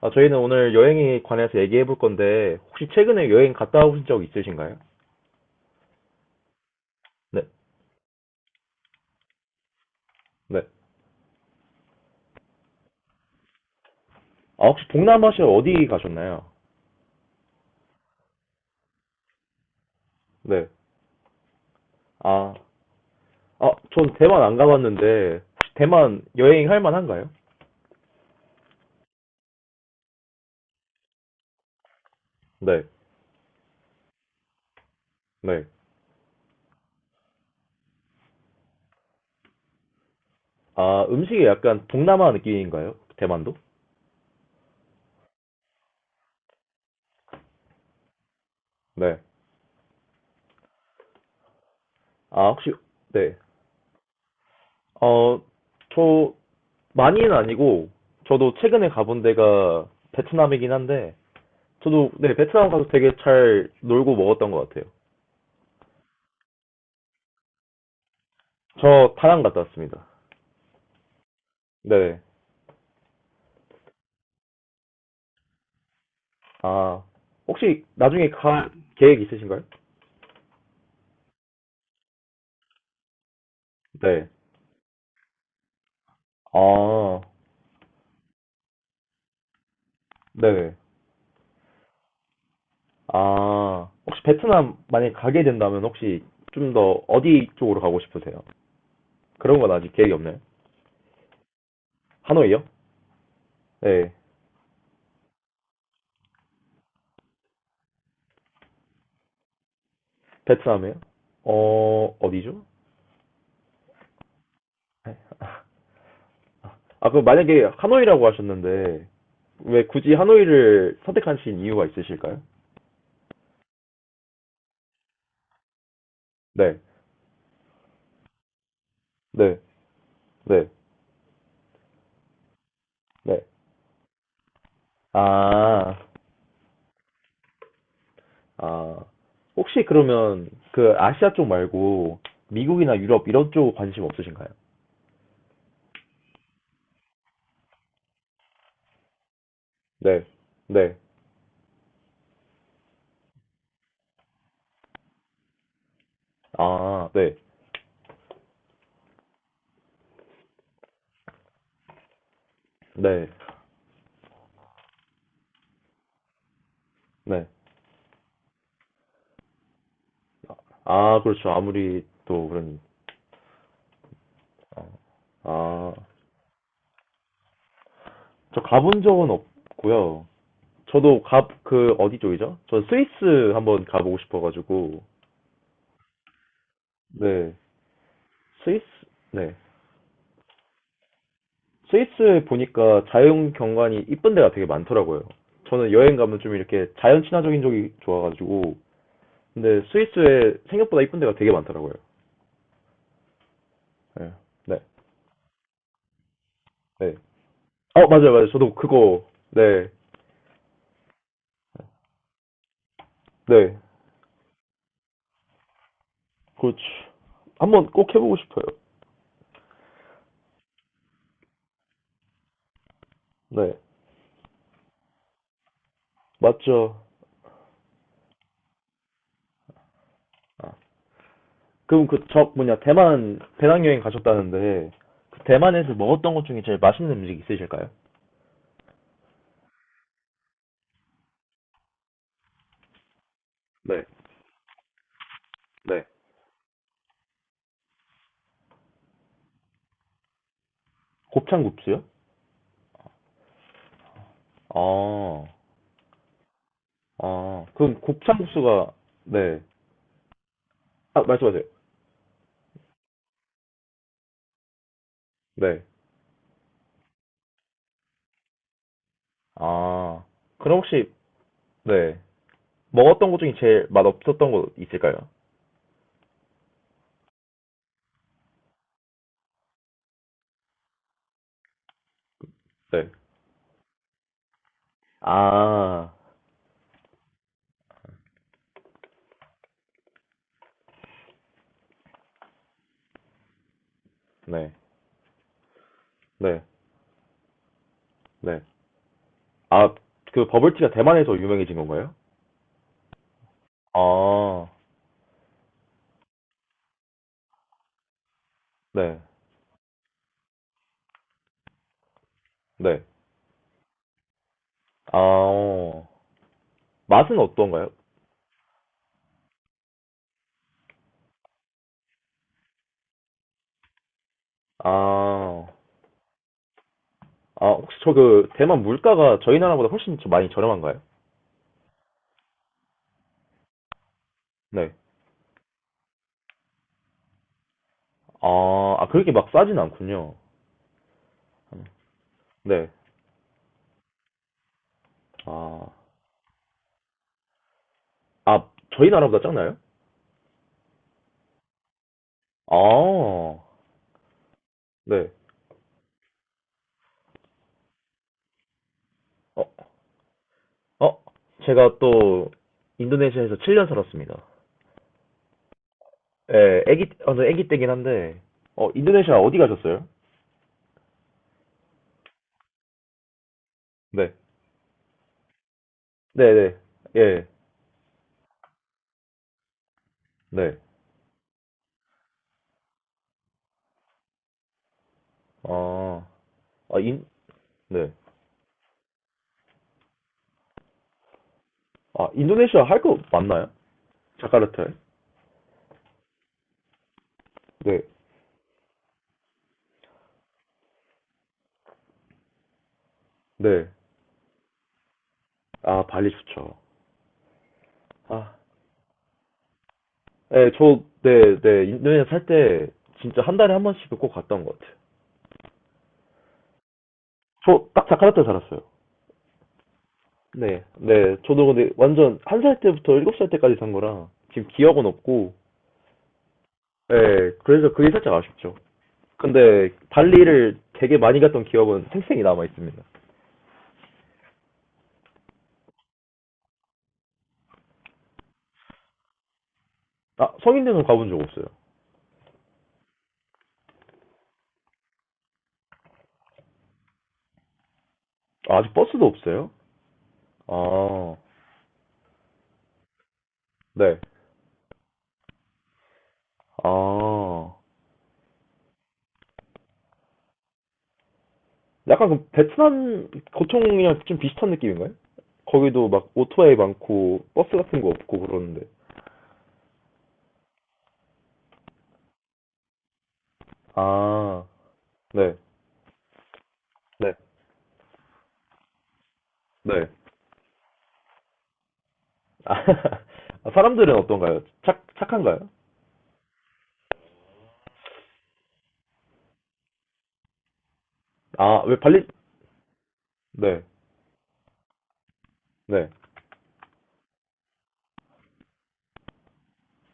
아, 저희는 오늘 여행에 관해서 얘기해 볼 건데, 혹시 최근에 여행 갔다 오신 적 있으신가요? 네, 네. 아, 혹시 동남아시아 어디 가셨나요? 네. 아, 아, 전 대만 안 가봤는데, 혹시 대만 여행할 만한가요? 네, 네. 아, 음식이 약간 동남아 느낌인가요? 대만도? 네. 아, 혹시, 네. 어, 저, 많이는 아니고, 저도 최근에 가본 데가 베트남이긴 한데, 저도, 네, 베트남 가서 되게 잘 놀고 먹었던 것 같아요. 저 다낭 갔다 왔습니다. 네. 아, 혹시 나중에 갈 계획 있으신가요? 네. 아, 네. 아, 혹시 베트남 만약에 가게 된다면 혹시 좀 더 어디 쪽으로 가고 싶으세요? 그런 건 아직 계획이 없나요? 하노이요? 네. 베트남에요? 어, 어디죠? 아, 그럼 만약에 하노이라고 하셨는데 왜 굳이 하노이를 선택하신 이유가 있으실까요? 네. 네. 네. 네. 아, 아, 혹시 그러면 그 아시아 쪽 말고 미국이나 유럽 이런 쪽 관심 없으신가요? 네, 네. 아, 네, 네, 네. 아, 그렇죠. 아무리 또 그런, 아, 저 가본 적은 없고요. 저도 그, 어디 쪽이죠? 저 스위스 한번 가보고 싶어가지고, 네, 스위스, 네. 스위스에 보니까 자연 경관이 이쁜 데가 되게 많더라고요. 저는 여행 가면 좀 이렇게 자연 친화적인 쪽이 좋아가지고, 근데 스위스에 생각보다 이쁜 데가 되게 많더라고요. 네. 네, 네. 어, 맞아요, 맞아요. 저도 그거, 네, 네. 그렇죠 한번 꼭 해보고 싶어요. 네, 맞죠. 아, 그럼 그, 저, 뭐냐, 대만 배낭여행 가셨다는데, 그 대만에서 먹었던 것 중에 제일 맛있는 음식 있으실까요? 네, 네. 곱창국수요? 아, 아, 그럼 곱창국수가, 네. 아, 말씀하세요. 네, 아, 그럼 혹시 네. 먹었던 것 중에 제일 맛없었던 거 있을까요? 네. 아, 네. 네. 네. 아, 그 버블티가 대만에서 유명해진 건가요? 아, 네. 네. 아, 어. 맛은 어떤가요? 아, 아, 혹시 저 그 대만 물가가 저희 나라보다 훨씬 좀 많이 저렴한가요? 네. 아, 아, 그렇게 막 싸진 않군요. 네. 아, 아, 저희 나라보다 작나요? 아, 네. 어, 어, 제가 또 인도네시아에서 7년 살았습니다. 예, 어, 저 애기 때긴 한데, 어, 인도네시아 어디 가셨어요? 네. 네네. 예. 네. 아, 아, 네. 아, 인도네시아 할 거 맞나요? 자카르타에? 네. 네. 아, 발리 좋죠. 아, 네, 저, 네, 네. 인도네시아 살 때 진짜 한 달에 한 번씩은 꼭 갔던 것 같아요. 저 딱 자카르타에 살았어요. 네, 네. 저도 근데 완전 1살 때부터 7살 때까지 산 거라 지금 기억은 없고, 네. 그래서 그게 살짝 아쉽죠. 근데 발리를 되게 많이 갔던 기억은 생생이 남아 있습니다. 아, 성인대는 가본 적 없어요. 아, 아직 버스도 없어요? 아, 네. 아, 약간 그 베트남 고총이랑 좀 비슷한 느낌인가요? 거기도 막 오토바이 많고 버스 같은 거 없고 그러는데. 아, 네, 네, 네. 아, 사람들은 어떤가요? 착한가요? 아, 왜 발리? 네, 네.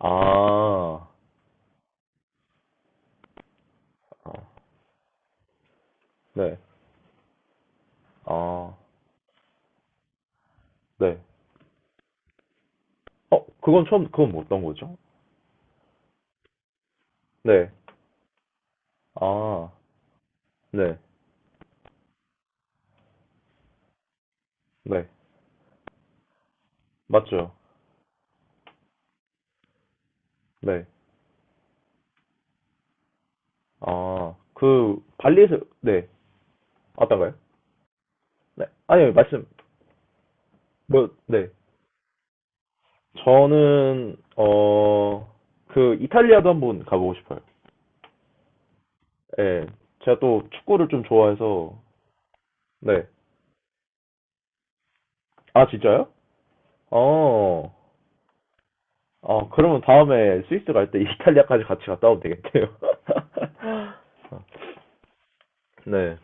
아, 네. 아, 네. 어, 그건 처음, 그건 뭐 어떤 거죠? 네. 아, 네. 네. 맞죠. 네. 아, 그, 발리에서, 네. 어떤가요? 네. 아니요, 말씀, 뭐, 네. 저는, 어, 그, 이탈리아도 한번 가보고 싶어요. 예. 제가 또 축구를 좀 좋아해서, 네. 아, 진짜요? 어, 아, 그러면 다음에 스위스 갈 때 이탈리아까지 같이 갔다 오면 되겠네요. 네.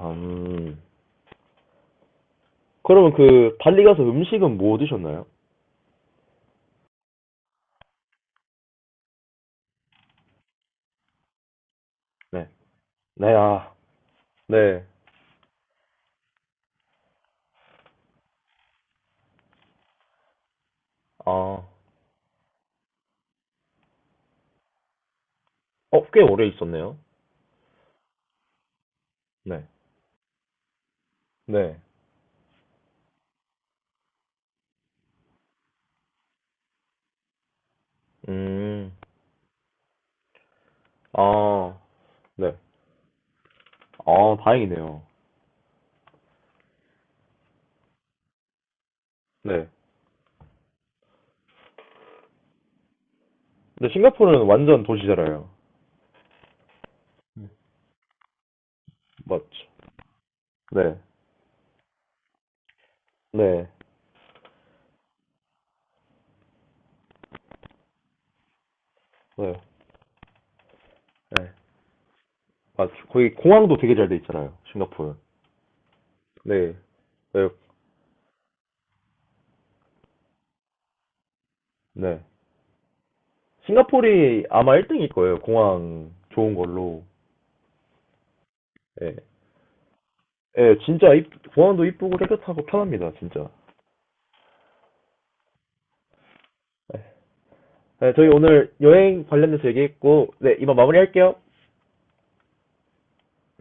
음. 그러면 그 발리 가서 음식은 뭐 드셨나요? 네. 네, 아, 네. 아, 어, 꽤 오래 있었네요. 네. 네. 음, 아, 네. 아, 다행이네요. 네. 근데 싱가포르는 완전 도시잖아요. 맞죠. 네. 네, 네. 네. 맞죠. 거기 공항도 되게 잘 돼 있잖아요, 싱가포르. 네. 네. 네. 싱가포르이 아마 1등일 거예요, 공항 좋은 걸로. 네. 예, 진짜 공항도 이쁘고 깨끗하고 편합니다, 진짜. 네, 저희 오늘 여행 관련돼서 얘기했고, 네, 이만 마무리할게요.